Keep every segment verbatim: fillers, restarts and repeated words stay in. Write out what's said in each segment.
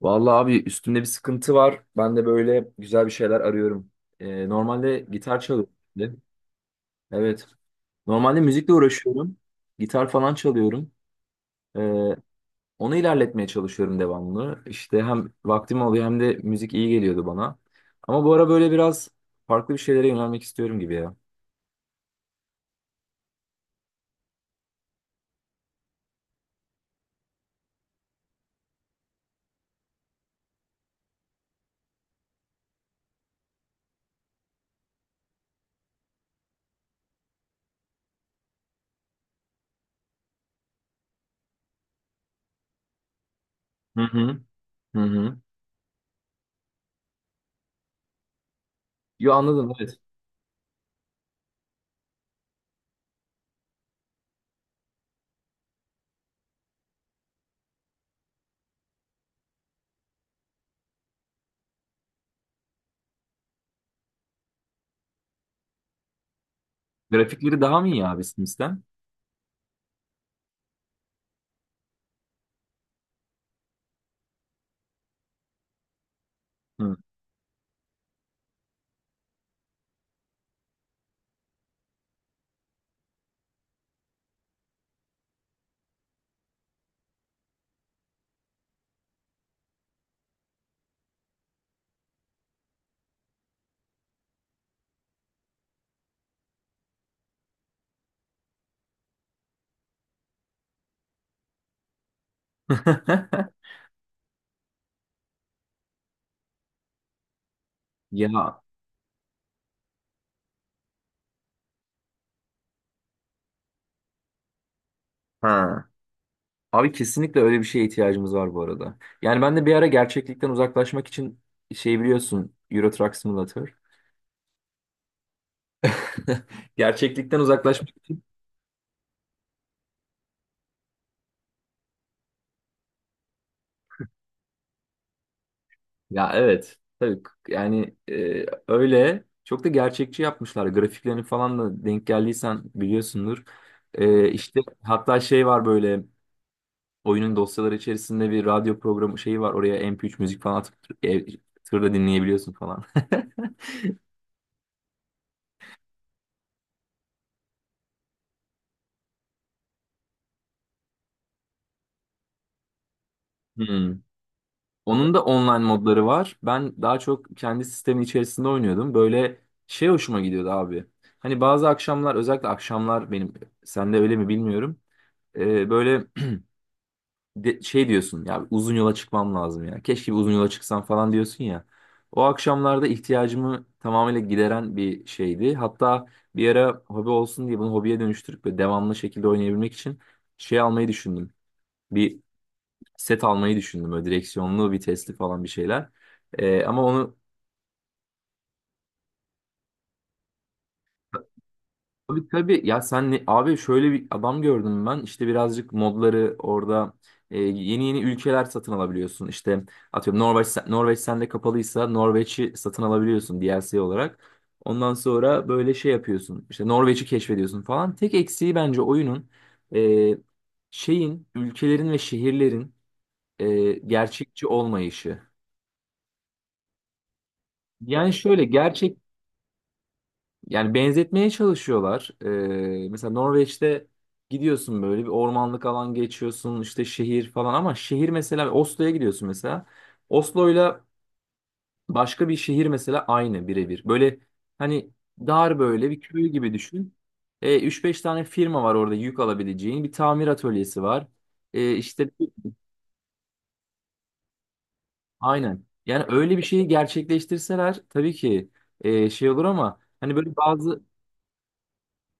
Vallahi abi üstümde bir sıkıntı var. Ben de böyle güzel bir şeyler arıyorum. Ee, normalde gitar çalıyorum. Evet. Normalde müzikle uğraşıyorum. Gitar falan çalıyorum. Ee, Onu ilerletmeye çalışıyorum devamlı. İşte hem vaktim oluyor hem de müzik iyi geliyordu bana. Ama bu ara böyle biraz farklı bir şeylere yönelmek istiyorum gibi ya. Hı hı. Hı hı. Yo, anladım, evet. Grafikleri daha mı iyi abi Sims'ten? Hı. Ya. Ha. Abi kesinlikle öyle bir şeye ihtiyacımız var bu arada. Yani ben de bir ara gerçeklikten uzaklaşmak için şey, biliyorsun, Euro Truck Simulator. Gerçeklikten uzaklaşmak. Ya evet. Tabii k- yani e, öyle çok da gerçekçi yapmışlar. Grafiklerini falan da denk geldiysen biliyorsundur. E, işte hatta şey var böyle, oyunun dosyaları içerisinde bir radyo programı şeyi var. Oraya M P three müzik falan atıp e, tırda dinleyebiliyorsun falan. Hmm. Onun da online modları var. Ben daha çok kendi sistemin içerisinde oynuyordum. Böyle şey hoşuma gidiyordu abi. Hani bazı akşamlar, özellikle akşamlar benim, sende öyle mi bilmiyorum. Ee, böyle de- şey diyorsun ya, uzun yola çıkmam lazım ya. Keşke bir uzun yola çıksam falan diyorsun ya. O akşamlarda ihtiyacımı tamamıyla gideren bir şeydi. Hatta bir ara hobi olsun diye bunu hobiye dönüştürüp ve devamlı şekilde oynayabilmek için şey almayı düşündüm. Bir set almayı düşündüm. Böyle direksiyonlu, vitesli falan bir şeyler. Ee, ama onu, tabii tabii ya, sen ne- abi, şöyle bir adam gördüm ben. İşte birazcık modları orada e, yeni yeni ülkeler satın alabiliyorsun. İşte atıyorum, Norveç, Norveç sende kapalıysa Norveç'i satın alabiliyorsun D L C olarak. Ondan sonra böyle şey yapıyorsun. İşte Norveç'i keşfediyorsun falan. Tek eksiği bence oyunun e, şeyin, ülkelerin ve şehirlerin e, gerçekçi olmayışı. Yani şöyle gerçek Yani benzetmeye çalışıyorlar. Ee, mesela Norveç'te gidiyorsun, böyle bir ormanlık alan geçiyorsun, işte şehir falan, ama şehir, mesela Oslo'ya gidiyorsun mesela. Oslo'yla başka bir şehir mesela aynı, birebir. Böyle hani dar böyle bir köy gibi düşün. E, üç beş tane firma var orada yük alabileceğin. Bir tamir atölyesi var. E, işte aynen. Yani öyle bir şeyi gerçekleştirseler tabii ki e, şey olur, ama hani böyle bazı,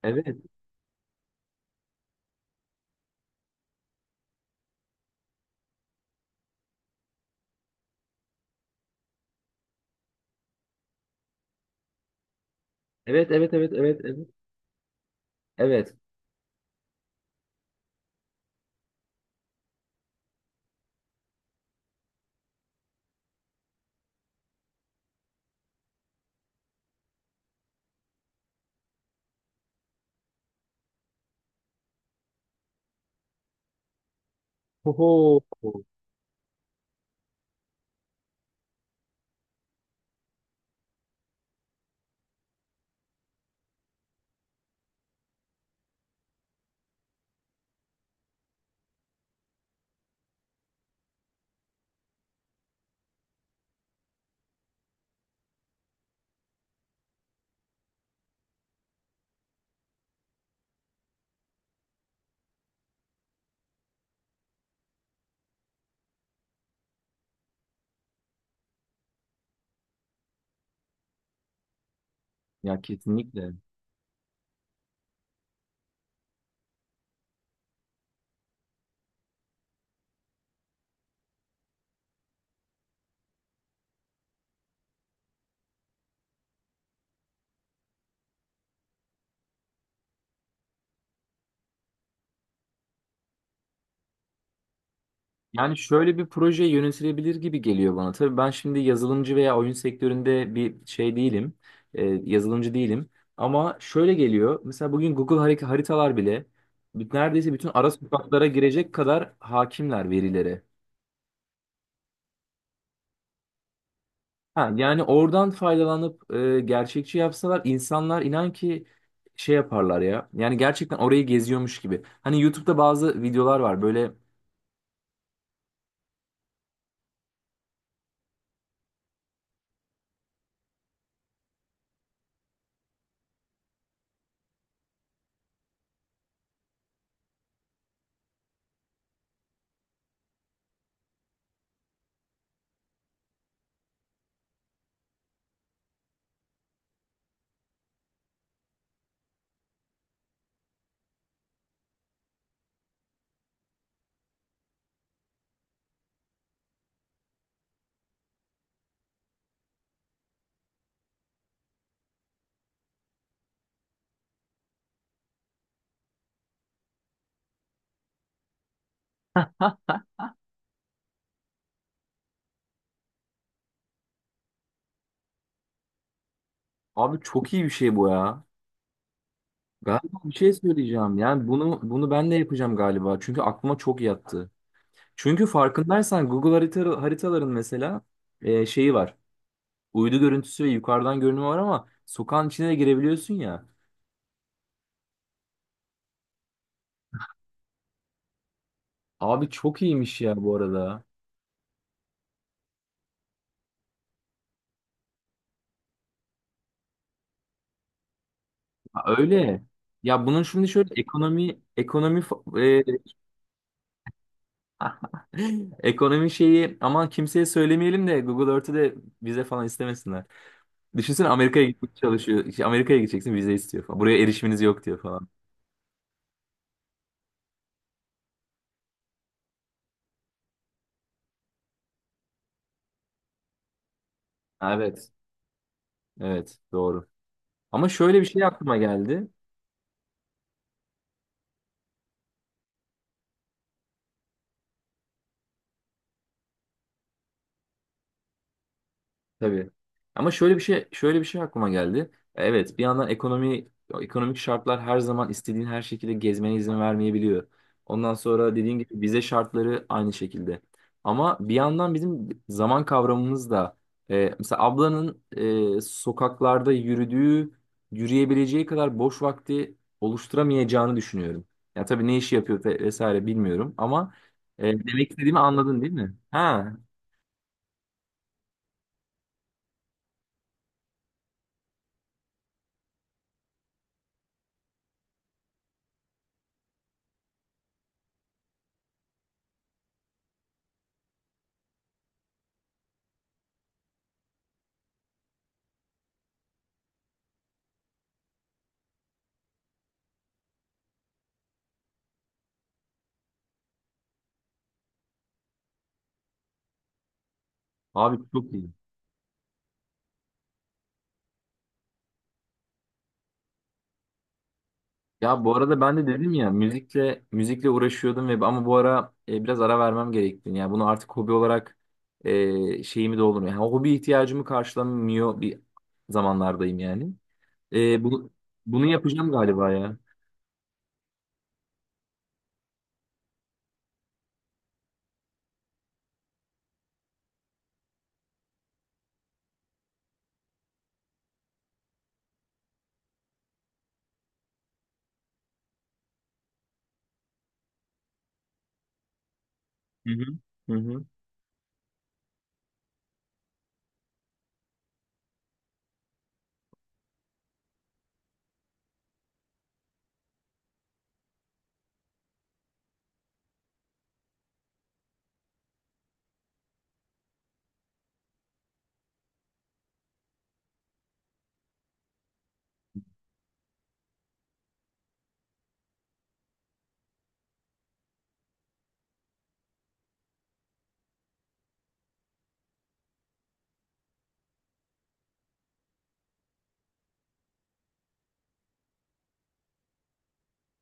evet, evet, evet, evet, evet, evet. Evet. Oho. Ya kesinlikle. Yani şöyle bir proje yönetilebilir gibi geliyor bana. Tabii ben şimdi yazılımcı veya oyun sektöründe bir şey değilim. Ee, yazılımcı değilim. Ama şöyle geliyor. Mesela bugün Google harik- haritalar bile, bit- neredeyse bütün ara sokaklara girecek kadar hakimler verilere. Ha, yani oradan faydalanıp e, gerçekçi yapsalar, insanlar inan ki şey yaparlar ya. Yani gerçekten orayı geziyormuş gibi. Hani YouTube'da bazı videolar var böyle. Abi çok iyi bir şey bu ya. Galiba bir şey söyleyeceğim. Yani bunu bunu ben de yapacağım galiba. Çünkü aklıma çok yattı. Çünkü farkındaysan Google harita, haritaların mesela e, şeyi var. Uydu görüntüsü ve yukarıdan görünümü var, ama sokağın içine de girebiliyorsun ya. Abi çok iyiymiş ya bu arada. Ha, öyle. Ya bunun şimdi şöyle ekonomi ekonomi fa- e, ekonomi şeyi, aman kimseye söylemeyelim de Google Earth'ü de vize falan istemesinler. Düşünsene, Amerika'ya gitmek çalışıyor. İşte Amerika'ya gideceksin, vize istiyor falan. Buraya erişiminiz yok diyor falan. Evet, evet, doğru. Ama şöyle bir şey aklıma geldi. Tabii. Ama şöyle bir şey şöyle bir şey aklıma geldi. E, Evet, bir yandan ekonomi ekonomik şartlar her zaman istediğin her şekilde gezmene izin vermeyebiliyor. Ondan sonra dediğin gibi vize şartları aynı şekilde. Ama bir yandan bizim zaman kavramımız da, e, mesela ablanın e, sokaklarda yürüdüğü, yürüyebileceği kadar boş vakti oluşturamayacağını düşünüyorum. Ya tabii ne işi yapıyor ve- vesaire bilmiyorum, ama e, demek istediğimi anladın değil mi? Ha, abi çok iyi. Ya bu arada ben de dedim ya, müzikle müzikle uğraşıyordum ve ama bu ara e, biraz ara vermem gerektiğini. Yani bunu artık hobi olarak e, şeyimi doldurmuyor. Yani hobi ihtiyacımı karşılamıyor bir zamanlardayım yani. E, bunu bunu yapacağım galiba ya. Hı hı. Hı hı.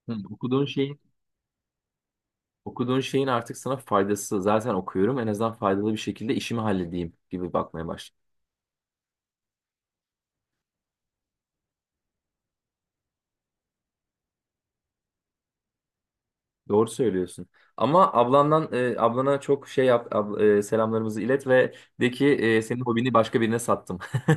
Hı. Okuduğun şeyin okuduğun şeyin artık sana faydası. Zaten okuyorum. En azından faydalı bir şekilde işimi halledeyim gibi bakmaya başladım. Doğru söylüyorsun. Ama ablandan e, ablana çok şey yap ab- e, selamlarımızı ilet ve de ki e, senin hobini başka birine sattım.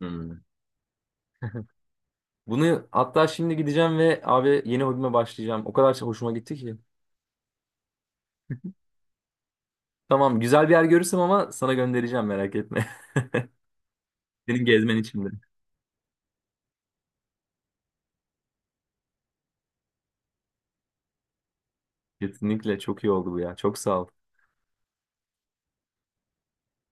Hmm. Bunu hatta, şimdi gideceğim ve abi yeni hobime başlayacağım. O kadar çok hoşuma gitti ki. Tamam, güzel bir yer görürsem ama sana göndereceğim, merak etme. Senin gezmen için de. Kesinlikle çok iyi oldu bu ya. Çok sağ ol.